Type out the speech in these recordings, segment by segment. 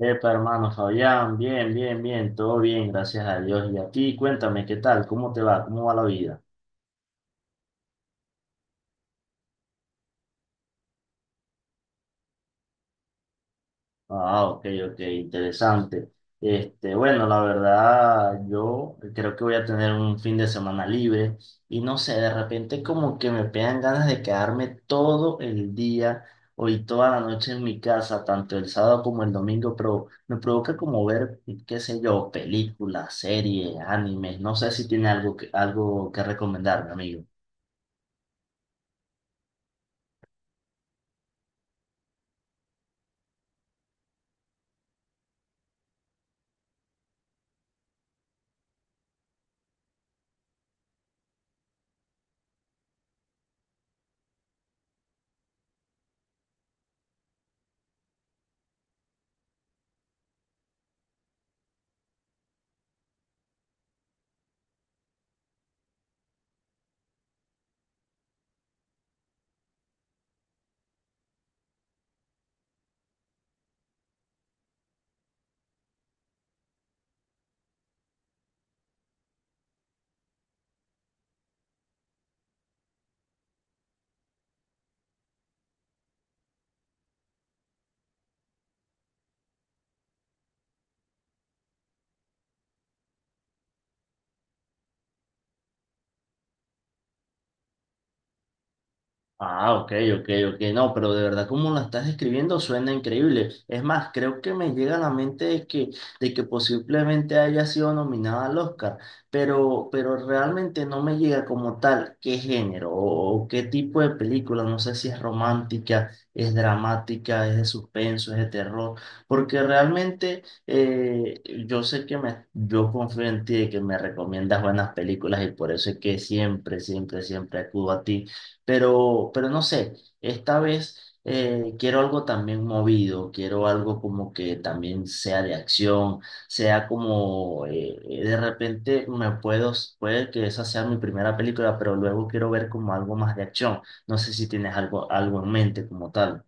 Epa, hermano Fabián, bien, bien, bien, todo bien, gracias a Dios. Y a ti, cuéntame, ¿qué tal? ¿Cómo te va? ¿Cómo va la vida? Ah, ok, ok, interesante. Este, bueno, la verdad, yo creo que voy a tener un fin de semana libre y no sé, de repente como que me pegan ganas de quedarme todo el día hoy toda la noche en mi casa, tanto el sábado como el domingo, pero me provoca como ver, qué sé yo, películas, series, animes, no sé si tiene algo que recomendarme, amigo. Ah, ok, ok, ok. No, pero de verdad como la estás describiendo suena increíble. Es más, creo que me llega a la mente de que posiblemente haya sido nominada al Oscar, pero realmente no me llega como tal qué género o qué tipo de película. No sé si es romántica, es dramática, es de suspenso, es de terror, porque realmente yo sé que me, yo confío en ti de que me recomiendas buenas películas y por eso es que siempre, siempre, siempre acudo a ti pero no sé, esta vez quiero algo también movido, quiero algo como que también sea de acción, sea como de repente me puedo, puede que esa sea mi primera película, pero luego quiero ver como algo más de acción. No sé si tienes algo en mente como tal.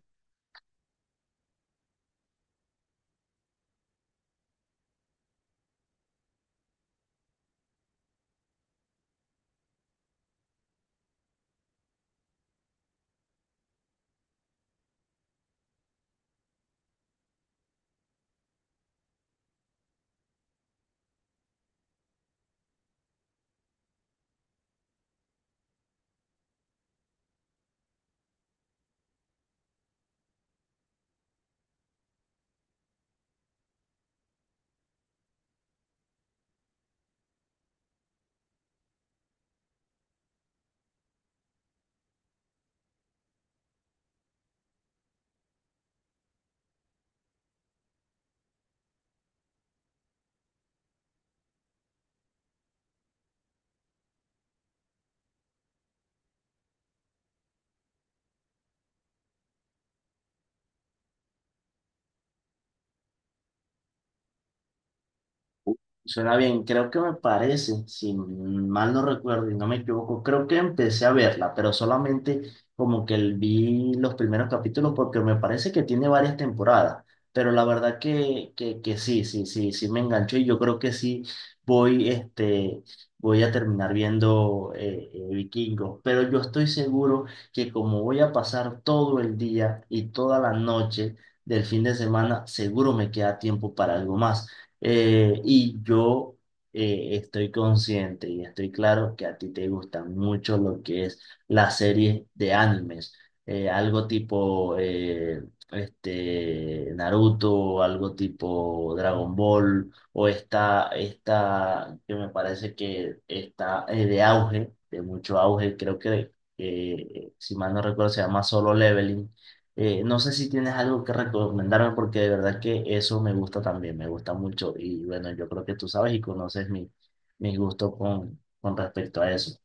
Suena bien, creo que me parece, si mal no recuerdo y no me equivoco, creo que empecé a verla, pero solamente como que vi los primeros capítulos porque me parece que tiene varias temporadas, pero la verdad que sí, sí, sí me enganchó y yo creo que sí voy, voy a terminar viendo Vikingos, pero yo estoy seguro que como voy a pasar todo el día y toda la noche del fin de semana, seguro me queda tiempo para algo más. Y yo estoy consciente y estoy claro que a ti te gusta mucho lo que es la serie de animes. Algo tipo Naruto, algo tipo Dragon Ball, o esta que me parece que está de auge, de mucho auge, creo que si mal no recuerdo se llama Solo Leveling. No sé si tienes algo que recomendarme porque de verdad que eso me gusta también, me gusta mucho y bueno, yo creo que tú sabes y conoces mi gusto con respecto a eso.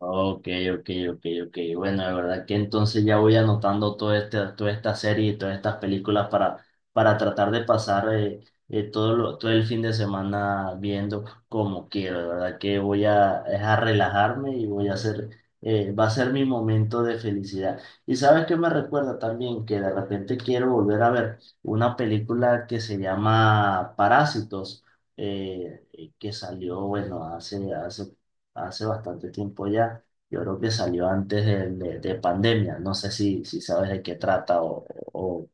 Ok, ok, ok, ok. Bueno, de verdad que entonces ya voy anotando todo este, toda esta serie y todas estas películas para tratar de pasar todo el fin de semana viendo como quiero. De verdad que voy a, es a relajarme y voy a hacer, va a ser mi momento de felicidad. Y sabes que me recuerda también que de repente quiero volver a ver una película que se llama Parásitos. Que salió, bueno, hace bastante tiempo ya. Yo creo que salió antes de pandemia. No sé si sabes de qué trata o,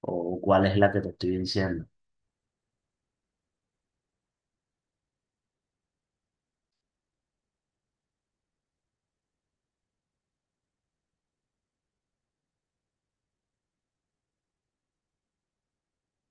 o cuál es la que te estoy diciendo.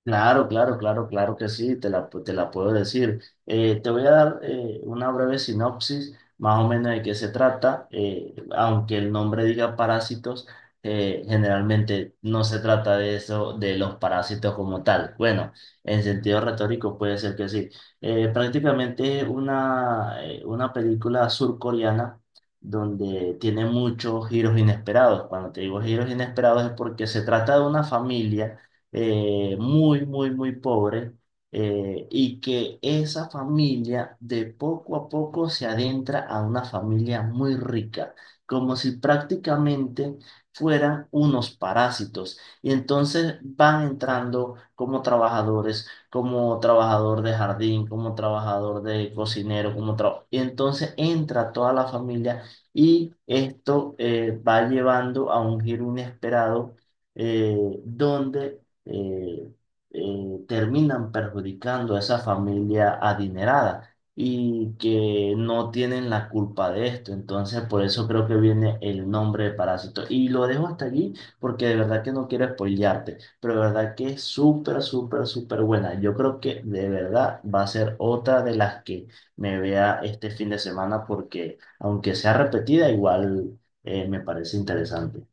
Claro, claro, claro, claro que sí, te la puedo decir. Te voy a dar una breve sinopsis, más o menos de qué se trata. Aunque el nombre diga parásitos, generalmente no se trata de eso, de los parásitos como tal. Bueno, en sentido retórico puede ser que sí. Prácticamente es una película surcoreana donde tiene muchos giros inesperados. Cuando te digo giros inesperados es porque se trata de una familia muy, muy, muy pobre, y que esa familia de poco a poco se adentra a una familia muy rica, como si prácticamente fueran unos parásitos. Y entonces van entrando como trabajadores, como trabajador de jardín, como trabajador de cocinero, y entonces entra toda la familia y esto va llevando a un giro inesperado eh, donde eh, terminan perjudicando a esa familia adinerada y que no tienen la culpa de esto. Entonces, por eso creo que viene el nombre de Parásito. Y lo dejo hasta allí porque de verdad que no quiero spoilearte, pero de verdad que es súper, súper, súper buena. Yo creo que de verdad va a ser otra de las que me vea este fin de semana porque aunque sea repetida, igual me parece interesante.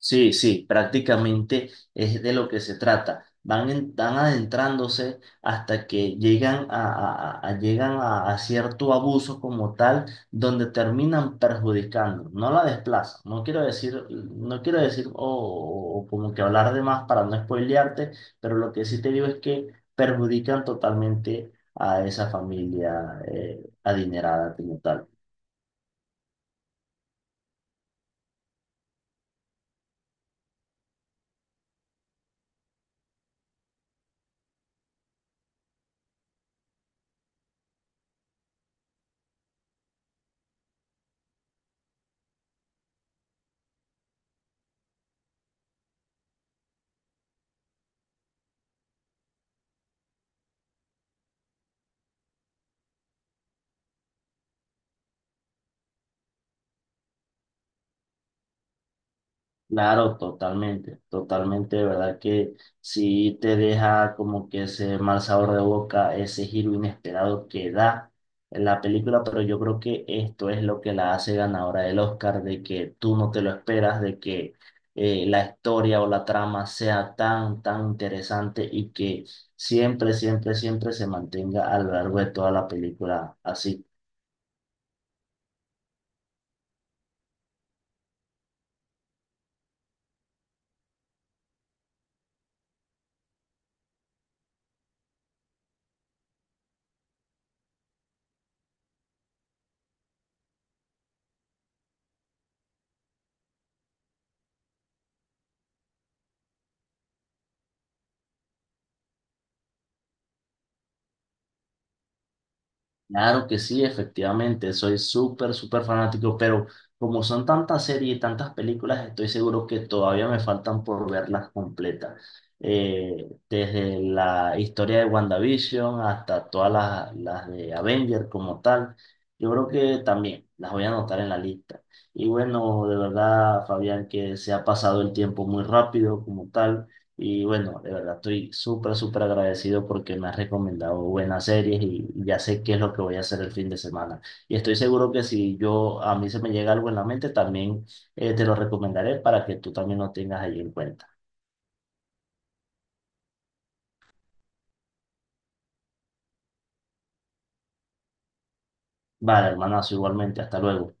Sí, sí, prácticamente es de lo que se trata. Van adentrándose hasta que llegan a, llegan a cierto abuso como tal, donde terminan perjudicando, no la desplazan. No quiero decir, no quiero decir o como que hablar de más para no spoilearte, pero lo que sí te digo es que perjudican totalmente a esa familia adinerada como tal. Claro, totalmente, totalmente, de verdad que sí te deja como que ese mal sabor de boca, ese giro inesperado que da en la película, pero yo creo que esto es lo que la hace ganadora del Oscar, de que tú no te lo esperas, de que la historia o la trama sea tan, tan interesante y que siempre, siempre, siempre se mantenga a lo largo de toda la película así. Claro que sí, efectivamente, soy súper, súper fanático, pero como son tantas series y tantas películas, estoy seguro que todavía me faltan por verlas completas. Desde la historia de WandaVision hasta todas las de Avenger como tal, yo creo que también las voy a anotar en la lista. Y bueno, de verdad, Fabián, que se ha pasado el tiempo muy rápido como tal. Y bueno, de verdad estoy súper, súper agradecido porque me has recomendado buenas series y ya sé qué es lo que voy a hacer el fin de semana. Y estoy seguro que si yo a mí se me llega algo en la mente, también te lo recomendaré para que tú también lo tengas ahí en cuenta. Vale, hermanazo, igualmente, hasta luego.